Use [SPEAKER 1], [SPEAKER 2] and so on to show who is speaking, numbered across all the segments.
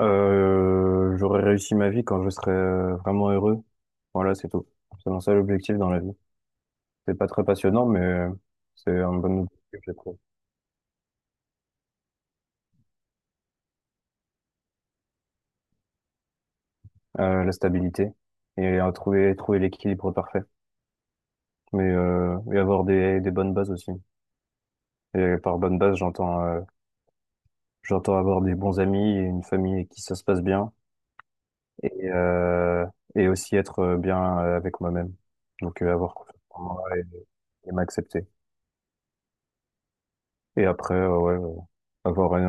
[SPEAKER 1] J'aurai réussi ma vie quand je serai vraiment heureux. Voilà, c'est tout. C'est mon seul objectif dans la vie. C'est pas très passionnant, mais c'est un bon objectif, je trouve. La stabilité et à trouver l'équilibre parfait. Mais et avoir des bonnes bases aussi. Et par bonne base, j'entends avoir des bons amis et une famille avec qui ça se passe bien et euh, et aussi être bien avec moi-même. Donc avoir confiance en moi et m'accepter. Et après, ouais, avoir un,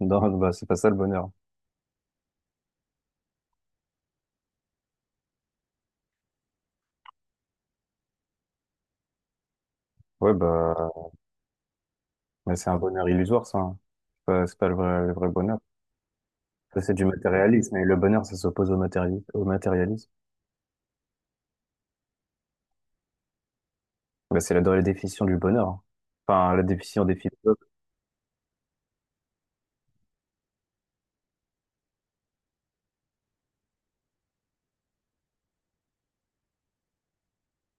[SPEAKER 1] Non, bah, c'est pas ça le bonheur. Ouais, bah, mais c'est un bonheur illusoire, ça, hein. C'est pas le vrai bonheur. Ça, c'est du matérialisme. Et le bonheur, ça s'oppose au matérialisme. Bah, dans la définition du bonheur, hein. Enfin, la définition des philosophes.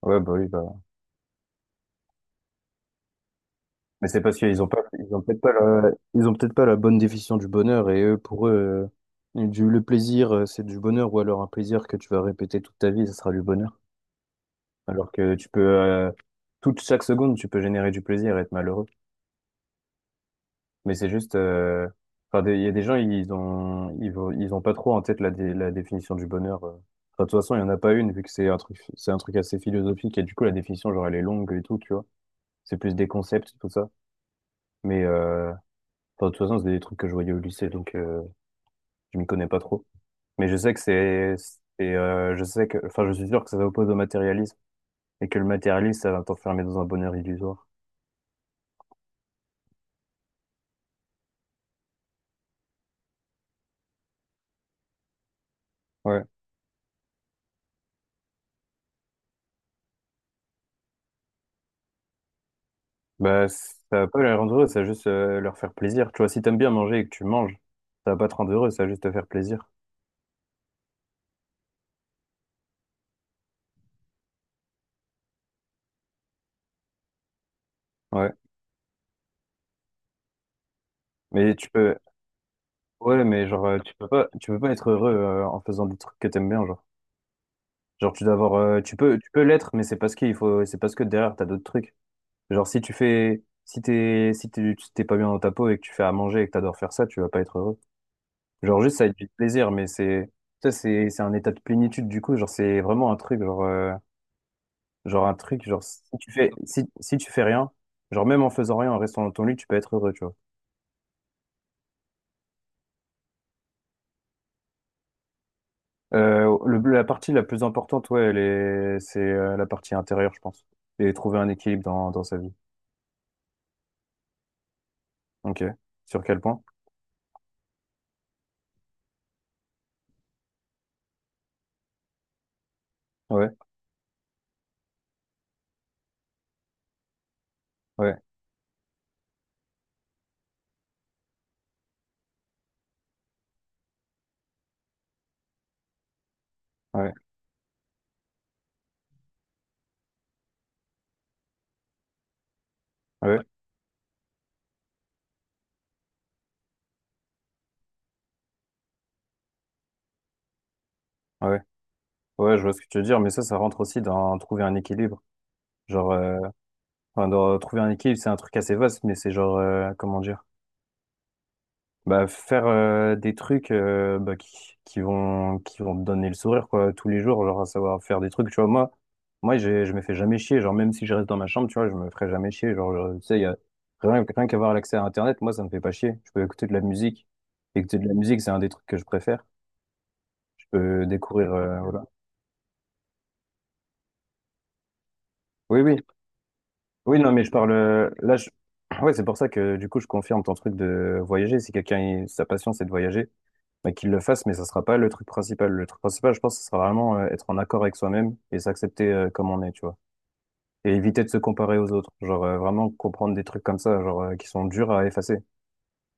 [SPEAKER 1] Ouais, bah oui, bah. Mais c'est parce qu'ils ont peut-être pas la bonne définition du bonheur. Pour eux, le plaisir, c'est du bonheur. Ou alors un plaisir que tu vas répéter toute ta vie, ça sera du bonheur. Alors que toute chaque seconde, tu peux générer du plaisir et être malheureux. Mais c'est juste, enfin, il y a des gens, ils ont pas trop en tête la définition du bonheur. Enfin, de toute façon, il y en a pas une, vu que c'est un truc assez philosophique, et du coup, la définition, genre, elle est longue et tout, tu vois. C'est plus des concepts, tout ça. Mais, enfin, de toute façon, c'est des trucs que je voyais au lycée, donc, je m'y connais pas trop. Mais je sais que, enfin, je suis sûr que ça s'oppose au matérialisme, et que le matérialisme, ça va t'enfermer dans un bonheur illusoire. Ouais. Bah, ça va pas les rendre heureux, ça va juste leur faire plaisir. Tu vois, si t'aimes bien manger et que tu manges, ça va pas te rendre heureux, ça va juste te faire plaisir. Ouais. Mais tu peux, ouais, mais genre, tu peux pas être heureux en faisant des trucs que t'aimes bien, genre. Genre, tu dois avoir, tu peux l'être, mais c'est parce que derrière, t'as d'autres trucs. Genre, si tu fais, si t'es, si t'es, tu- t'es pas bien dans ta peau et que tu fais à manger et que t'adores faire ça, tu vas pas être heureux. Genre, juste, ça va être du plaisir, c'est un état de plénitude, du coup, genre, c'est vraiment un truc, genre, Genre si si tu fais rien, genre même en faisant rien, en restant dans ton lit, tu peux être heureux, tu vois. La partie la plus importante, ouais, c'est la partie intérieure, je pense. Et trouver un équilibre dans sa vie. Ok. Sur quel point? Ouais, ouais, ouais, ouais, ouais. Ouais, je vois ce que tu veux dire, mais ça rentre aussi dans trouver un équilibre. Genre, enfin, dans trouver un équilibre, c'est un truc assez vaste, mais c'est genre, comment dire? Bah, faire des trucs qui vont te donner le sourire, quoi, tous les jours. Genre, à savoir faire des trucs, tu vois. Moi, je me fais jamais chier. Genre, même si je reste dans ma chambre, tu vois, je me ferai jamais chier. Genre, tu sais, y a rien qu'avoir l'accès à internet. Moi, ça me fait pas chier, je peux Écouter de la musique, c'est un des trucs que je préfère. Je peux découvrir, voilà. Oui, oui, oui, non, mais je parle, là je... Ouais, c'est pour ça que du coup je confirme ton truc de voyager. Si quelqu'un, sa passion c'est de voyager, bah, qu'il le fasse, mais ça sera pas le truc principal. Le truc principal, je pense, ce sera vraiment être en accord avec soi-même et s'accepter, comme on est, tu vois. Et éviter de se comparer aux autres. Genre, vraiment comprendre des trucs comme ça, genre, qui sont durs à effacer.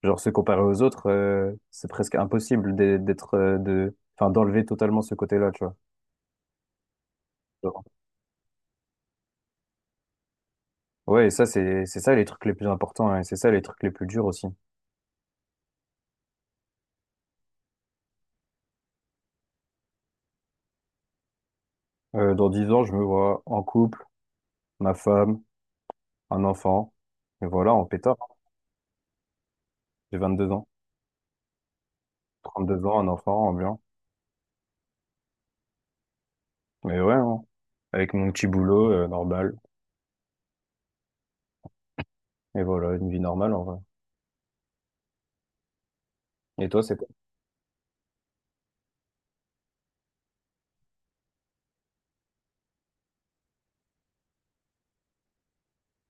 [SPEAKER 1] Genre, se comparer aux autres, c'est presque impossible enfin, d'enlever totalement ce côté-là, tu vois. Genre, Ouais, et ça, c'est ça les trucs les plus importants, hein, et c'est ça les trucs les plus durs aussi. Dans 10 ans, je me vois en couple, ma femme, un enfant. Et voilà, en pétard. J'ai 22 ans. 32 ans, un enfant, ambiant. Mais ouais, hein. Avec mon petit boulot, normal. Et voilà, une vie normale en vrai. Et toi, c'est quoi?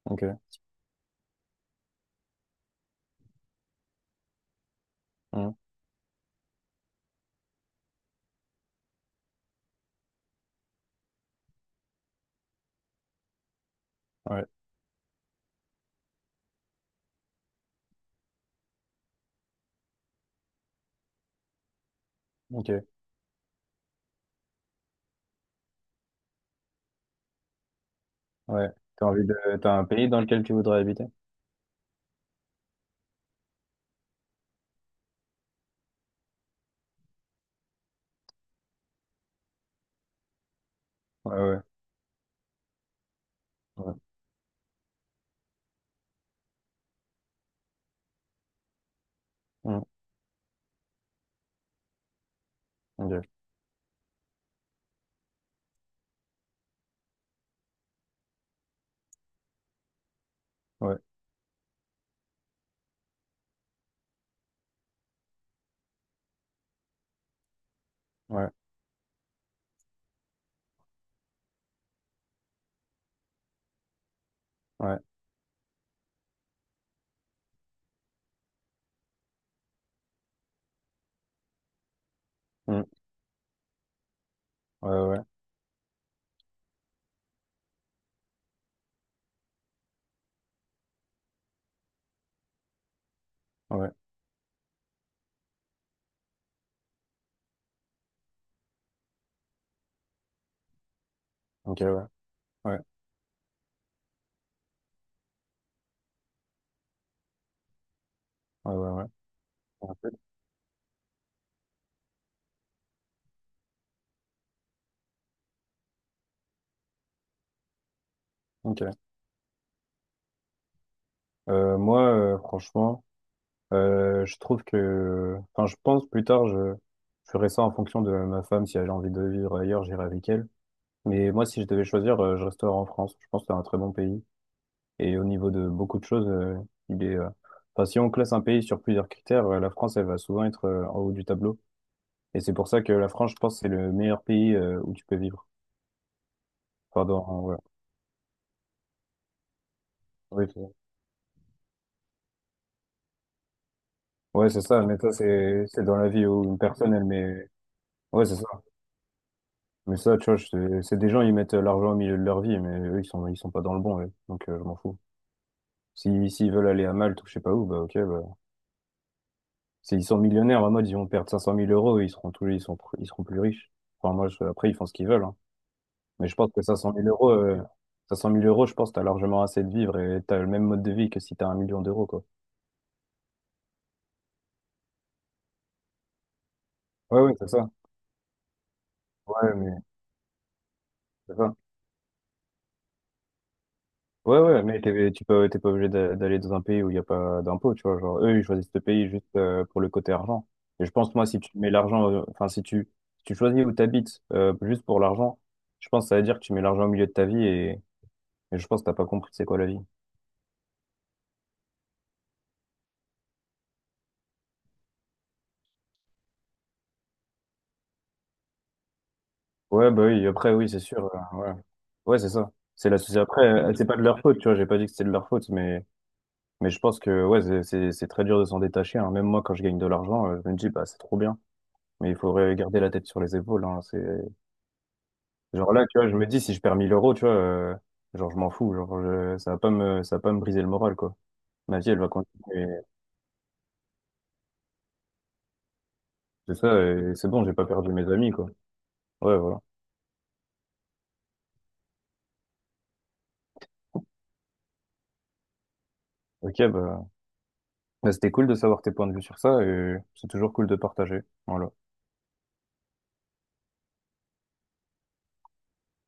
[SPEAKER 1] Ok. Hmm. Ouais. Ok. Ouais. T'as envie de... T'as un pays dans lequel tu voudrais habiter? Ouais, ouais. Ouais. Hmm. Ok. Ouais. Ouais. Ouais. Hmm. Ouais, ouais. Ouais. Ok, ouais. Ouais. Ouais, ouais, ouais. En fait. Ok. Moi, franchement, Enfin, je pense plus tard, je ferai ça en fonction de ma femme. Si elle a envie de vivre ailleurs, j'irai avec elle. Mais moi, si je devais choisir, je resterai en France. Je pense que c'est un très bon pays. Et au niveau de beaucoup de choses, il est. Enfin, si on classe un pays sur plusieurs critères, la France, elle va souvent être en haut du tableau. Et c'est pour ça que la France, je pense, c'est le meilleur pays où tu peux vivre. Pardon, ouais. Oui, c'est ouais, c'est ça, mais ça, c'est dans la vie où une personne, elle met. Ouais, c'est ça. Mais ça, tu vois, c'est des gens, ils mettent l'argent au milieu de leur vie, mais eux, ils sont pas dans le bon, ouais. Donc, je m'en fous. Si, S'ils veulent aller à Malte ou je sais pas où, bah, ok, bah. S'ils sont millionnaires, en mode, ils vont perdre cinq cent mille euros, ils seront tous, ils sont, ils seront plus riches. Enfin, moi, après, ils font ce qu'ils veulent, hein. Mais je pense que cinq cent mille euros, je pense que tu largement assez de vivre et t'as le même mode de vie que si t'as 1 million d'euros, quoi. Ouais, ouais, c'est ça. Ouais, mais c'est ça. Ouais, ouais, mais t'es pas obligé d'aller dans un pays où il n'y a pas d'impôts, tu vois. Genre, eux, ils choisissent ce pays juste pour le côté argent. Et je pense, moi, si tu mets l'argent, enfin, si tu choisis où t'habites habites juste pour l'argent, je pense que ça veut dire que tu mets l'argent au milieu de ta vie et je pense que t'as pas compris c'est quoi la vie. Ouais, bah oui, après, oui, c'est sûr, ouais, ouais, c'est ça. C'est la société. Après, c'est pas de leur faute, tu vois. J'ai pas dit que c'était de leur faute, mais. Mais je pense que ouais, c'est très dur de s'en détacher, hein. Même moi, quand je gagne de l'argent, je me dis, bah, c'est trop bien. Mais il faudrait garder la tête sur les épaules, hein. C'est... Genre là, tu vois, je me dis, si je perds 1000 euros, tu vois, genre, je m'en fous. Genre, ça va pas me briser le moral, quoi. Ma vie, elle va continuer. C'est ça, et c'est bon, j'ai pas perdu mes amis, quoi. Ouais, voilà. Ok, bah, c'était cool de savoir tes points de vue sur ça, et c'est toujours cool de partager. Voilà.